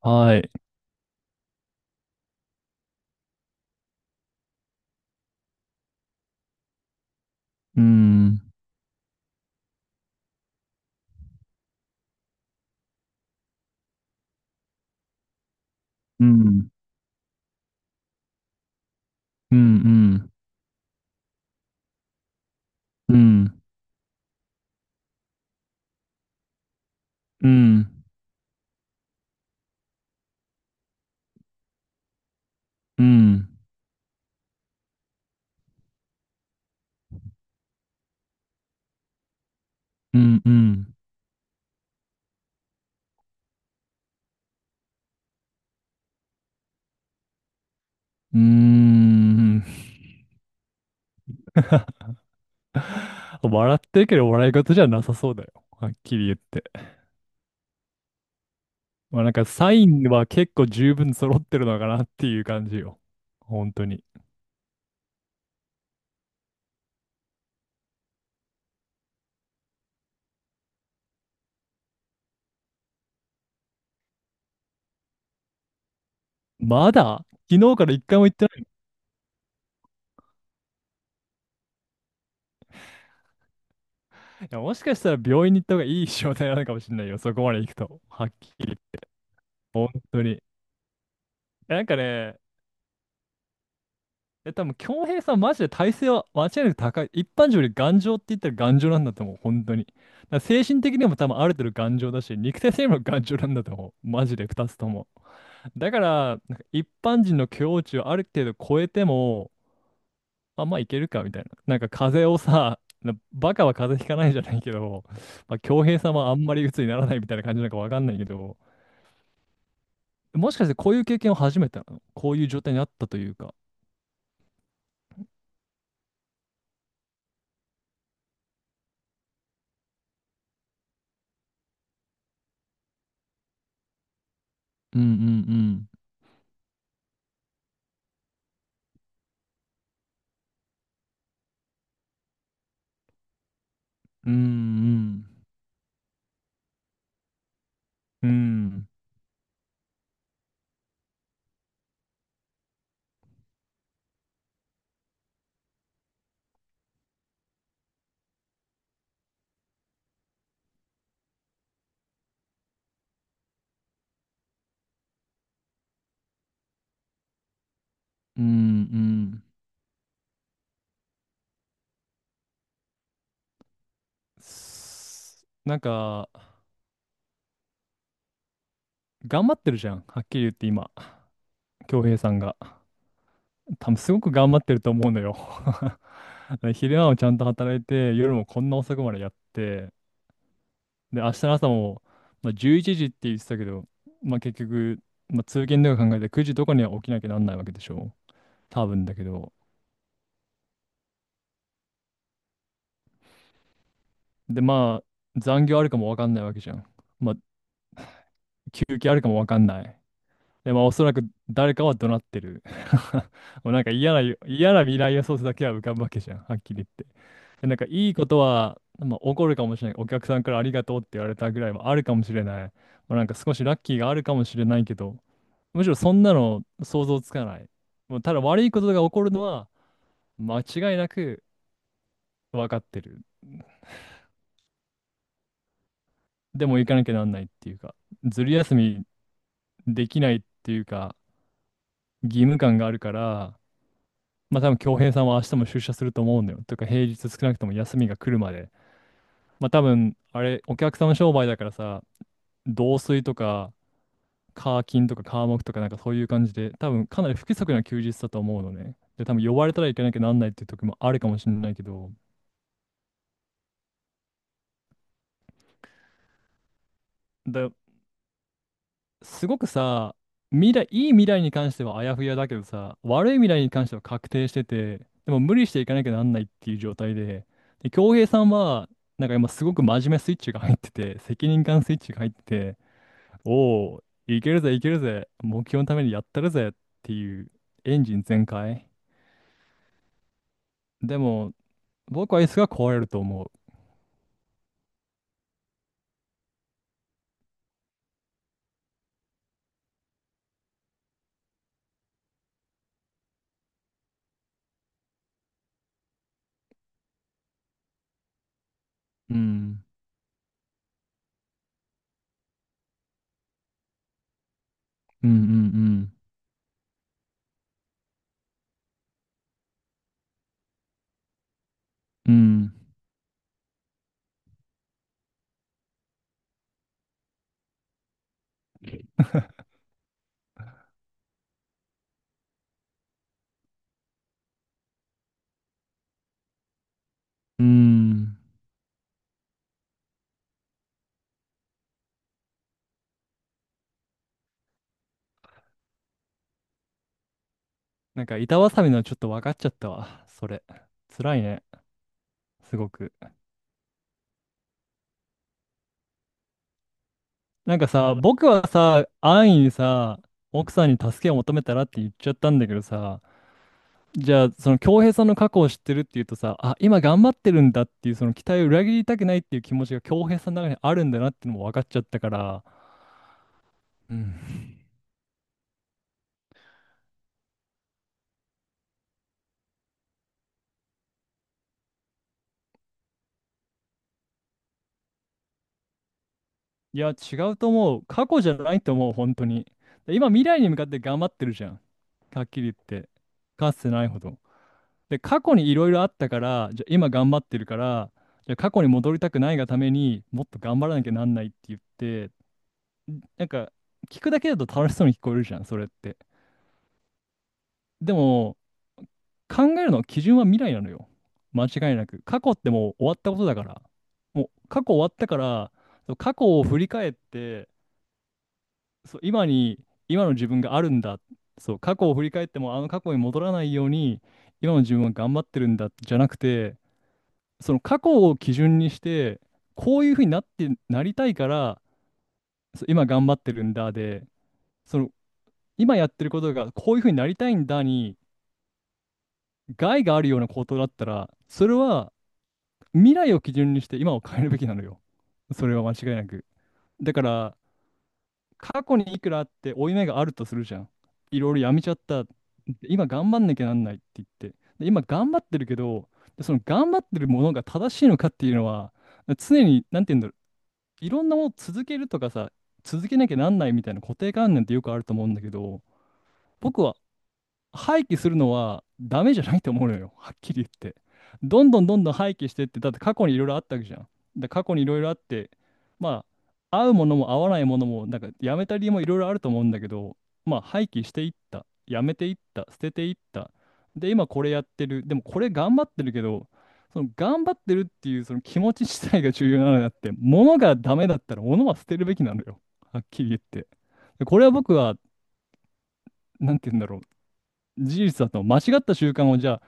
はい。うん、うん、うん、うん、うん、うん、うん、うん、うんうーん。笑ってるけど笑い事じゃなさそうだよ。はっきり言って。まあなんかサインは結構十分揃ってるのかなっていう感じよ。本当に。まだ昨日から一回も行ってない。いや、もしかしたら病院に行った方がいい状態なのかもしれないよ。そこまで行くと。はっきり。本当に。なんかね、多分、強平さん、マジで体勢は間違いなく高い。一般人より頑丈って言ったら頑丈なんだと思う、本当に。だから精神的にも多分ある程度頑丈だし、肉体性にも頑丈なんだと思う。マジで2つとも。だから、なんか一般人の境地をある程度超えても、あ、まあいけるかみたいな。なんか風邪をさ、なバカは風邪ひかないじゃないけど、まあ、京平さんはあんまり鬱にならないみたいな感じなんかわかんないけど、もしかしてこういう経験を初めてなのこういう状態にあったというか。うんうんうん。うんうん。うん、うん、うん。すなんか、頑張ってるじゃん。はっきり言って今、恭平さんが。多分すごく頑張ってると思うのよ。昼間もちゃんと働いて、夜もこんな遅くまでやって、で、明日の朝も、まあ、11時って言ってたけど、まあ、結局、まあ、通勤とか考えて9時とかには起きなきゃなんないわけでしょ。多分だけど。で、まあ、残業あるかもわかんないわけじゃん。まあ、休憩あるかもわかんない。で、まあ、おそらく誰かは怒鳴ってる。もうなんか嫌な、嫌な未来予想図だけは浮かぶわけじゃん、はっきり言って。で、なんかいいことは、まあ、起こるかもしれない。お客さんからありがとうって言われたぐらいはあるかもしれない。まあ、なんか少しラッキーがあるかもしれないけど、むしろそんなの想像つかない。もうただ悪いことが起こるのは間違いなく分かってる。でも行かなきゃなんないっていうか、ずる休みできないっていうか、義務感があるから、まあ多分京平さんは明日も出社すると思うんだよ。というか平日少なくとも休みが来るまで。まあ多分、あれ、お客さんの商売だからさ、同水とか、カーキとか、カーモクとかなんかそういう感じで、多分かなり不規則な休日だと思うのね。で、多分呼ばれたらいけなきゃなんないっていう時もあるかもしれないけど、だすごくさ、未来、いい未来に関してはあやふやだけどさ、悪い未来に関しては確定してて、でも無理していかなきゃなんないっていう状態で、で、恭平さんは、なんか今すごく真面目スイッチが入ってて、責任感スイッチが入ってて、おお、いけるぜいけるぜ、目標のためにやったるぜっていうエンジン全開。でも、僕は椅子が壊れると思う。うん、うんうんうん、うん、うん。なんか板挟みのちょっと分かっちゃったわ、それ。辛いね。すごく。なんかさ、僕はさ、安易にさ、奥さんに助けを求めたらって言っちゃったんだけどさ、じゃあ、その恭平さんの過去を知ってるっていうとさ、あ、今頑張ってるんだっていう、その期待を裏切りたくないっていう気持ちが恭平さんの中にあるんだなっていうのも分かっちゃったから、うん。いや、違うと思う。過去じゃないと思う、本当に。で今、未来に向かって頑張ってるじゃん。はっきり言って。かつてないほど。で、過去にいろいろあったから、じゃあ今頑張ってるから、じゃあ過去に戻りたくないがためにもっと頑張らなきゃなんないって言って、なんか聞くだけだと楽しそうに聞こえるじゃん、それって。でも、考えるの基準は未来なのよ。間違いなく。過去ってもう終わったことだから。もう過去終わったから、そう過去を振り返って、そう、今に、今の自分があるんだ。そう、過去を振り返ってもあの過去に戻らないように、今の自分は頑張ってるんだじゃなくて、その過去を基準にして、こういうふうになって、なりたいから、そう今頑張ってるんだで、その今やってることがこういうふうになりたいんだに害があるようなことだったら、それは未来を基準にして今を変えるべきなのよ。それは間違いなく。だから、過去にいくらあって負い目があるとするじゃん。いろいろやめちゃった。今頑張んなきゃなんないって言って。で、今頑張ってるけど、でその頑張ってるものが正しいのかっていうのは、常に、なんて言うんだろいろんなものを続けるとかさ、続けなきゃなんないみたいな固定観念ってよくあると思うんだけど、僕は廃棄するのはダメじゃないと思うのよ。はっきり言って。どんどんどんどん廃棄してって、だって過去にいろいろあったわけじゃん。で、過去にいろいろあって、まあ、合うものも合わないものも、なんかやめた理由もいろいろあると思うんだけど、まあ、廃棄していった。やめていった。捨てていった。で、今これやってる。でもこれ頑張ってるけど、その頑張ってるっていうその気持ち自体が重要なのであって、物がダメだったら物は捨てるべきなのよ。はっきり言って。でこれは僕は、なんて言うんだろう。事実だと間違った習慣をじゃあ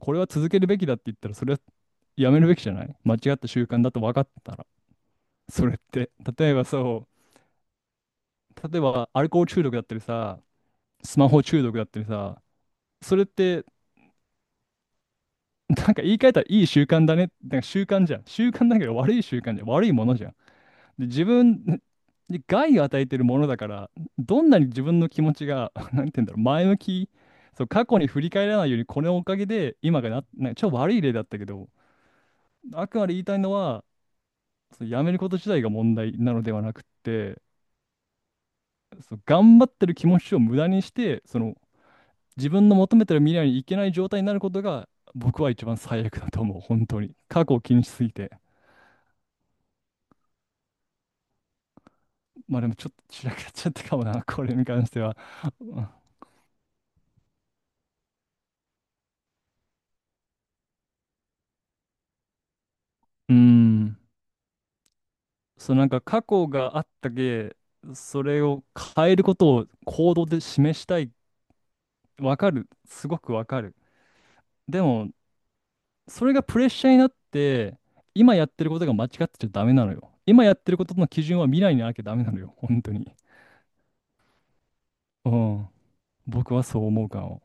これは続けるべきだって言ったら、それはやめるべきじゃない、間違った習慣だと分かったら、それって、例えば、そう、例えばアルコール中毒だったりさ、スマホ中毒だったりさ、それってなんか言い換えたらいい習慣だね、なんか習慣じゃん、習慣だけど悪い習慣じゃん、悪いものじゃん。で自分に害を与えてるものだから、どんなに自分の気持ちが なんて言うんだろう前向き、そう過去に振り返らないようにこのおかげで今がな、なんか超悪い例だったけど、あくまで言いたいのは、その辞めること自体が問題なのではなくって、その頑張ってる気持ちを無駄にして、その自分の求めてる未来に行けない状態になることが、僕は一番最悪だと思う、本当に。過去を気にしすぎて。まあでもちょっと散らかっちゃったかもな、これに関しては。うん。そう、なんか過去があったけ、それを変えることを行動で示したい。わかる。すごくわかる。でも、それがプレッシャーになって、今やってることが間違ってちゃダメなのよ。今やってることの基準は未来になきゃダメなのよ、本当に。うん。僕はそう思うかも。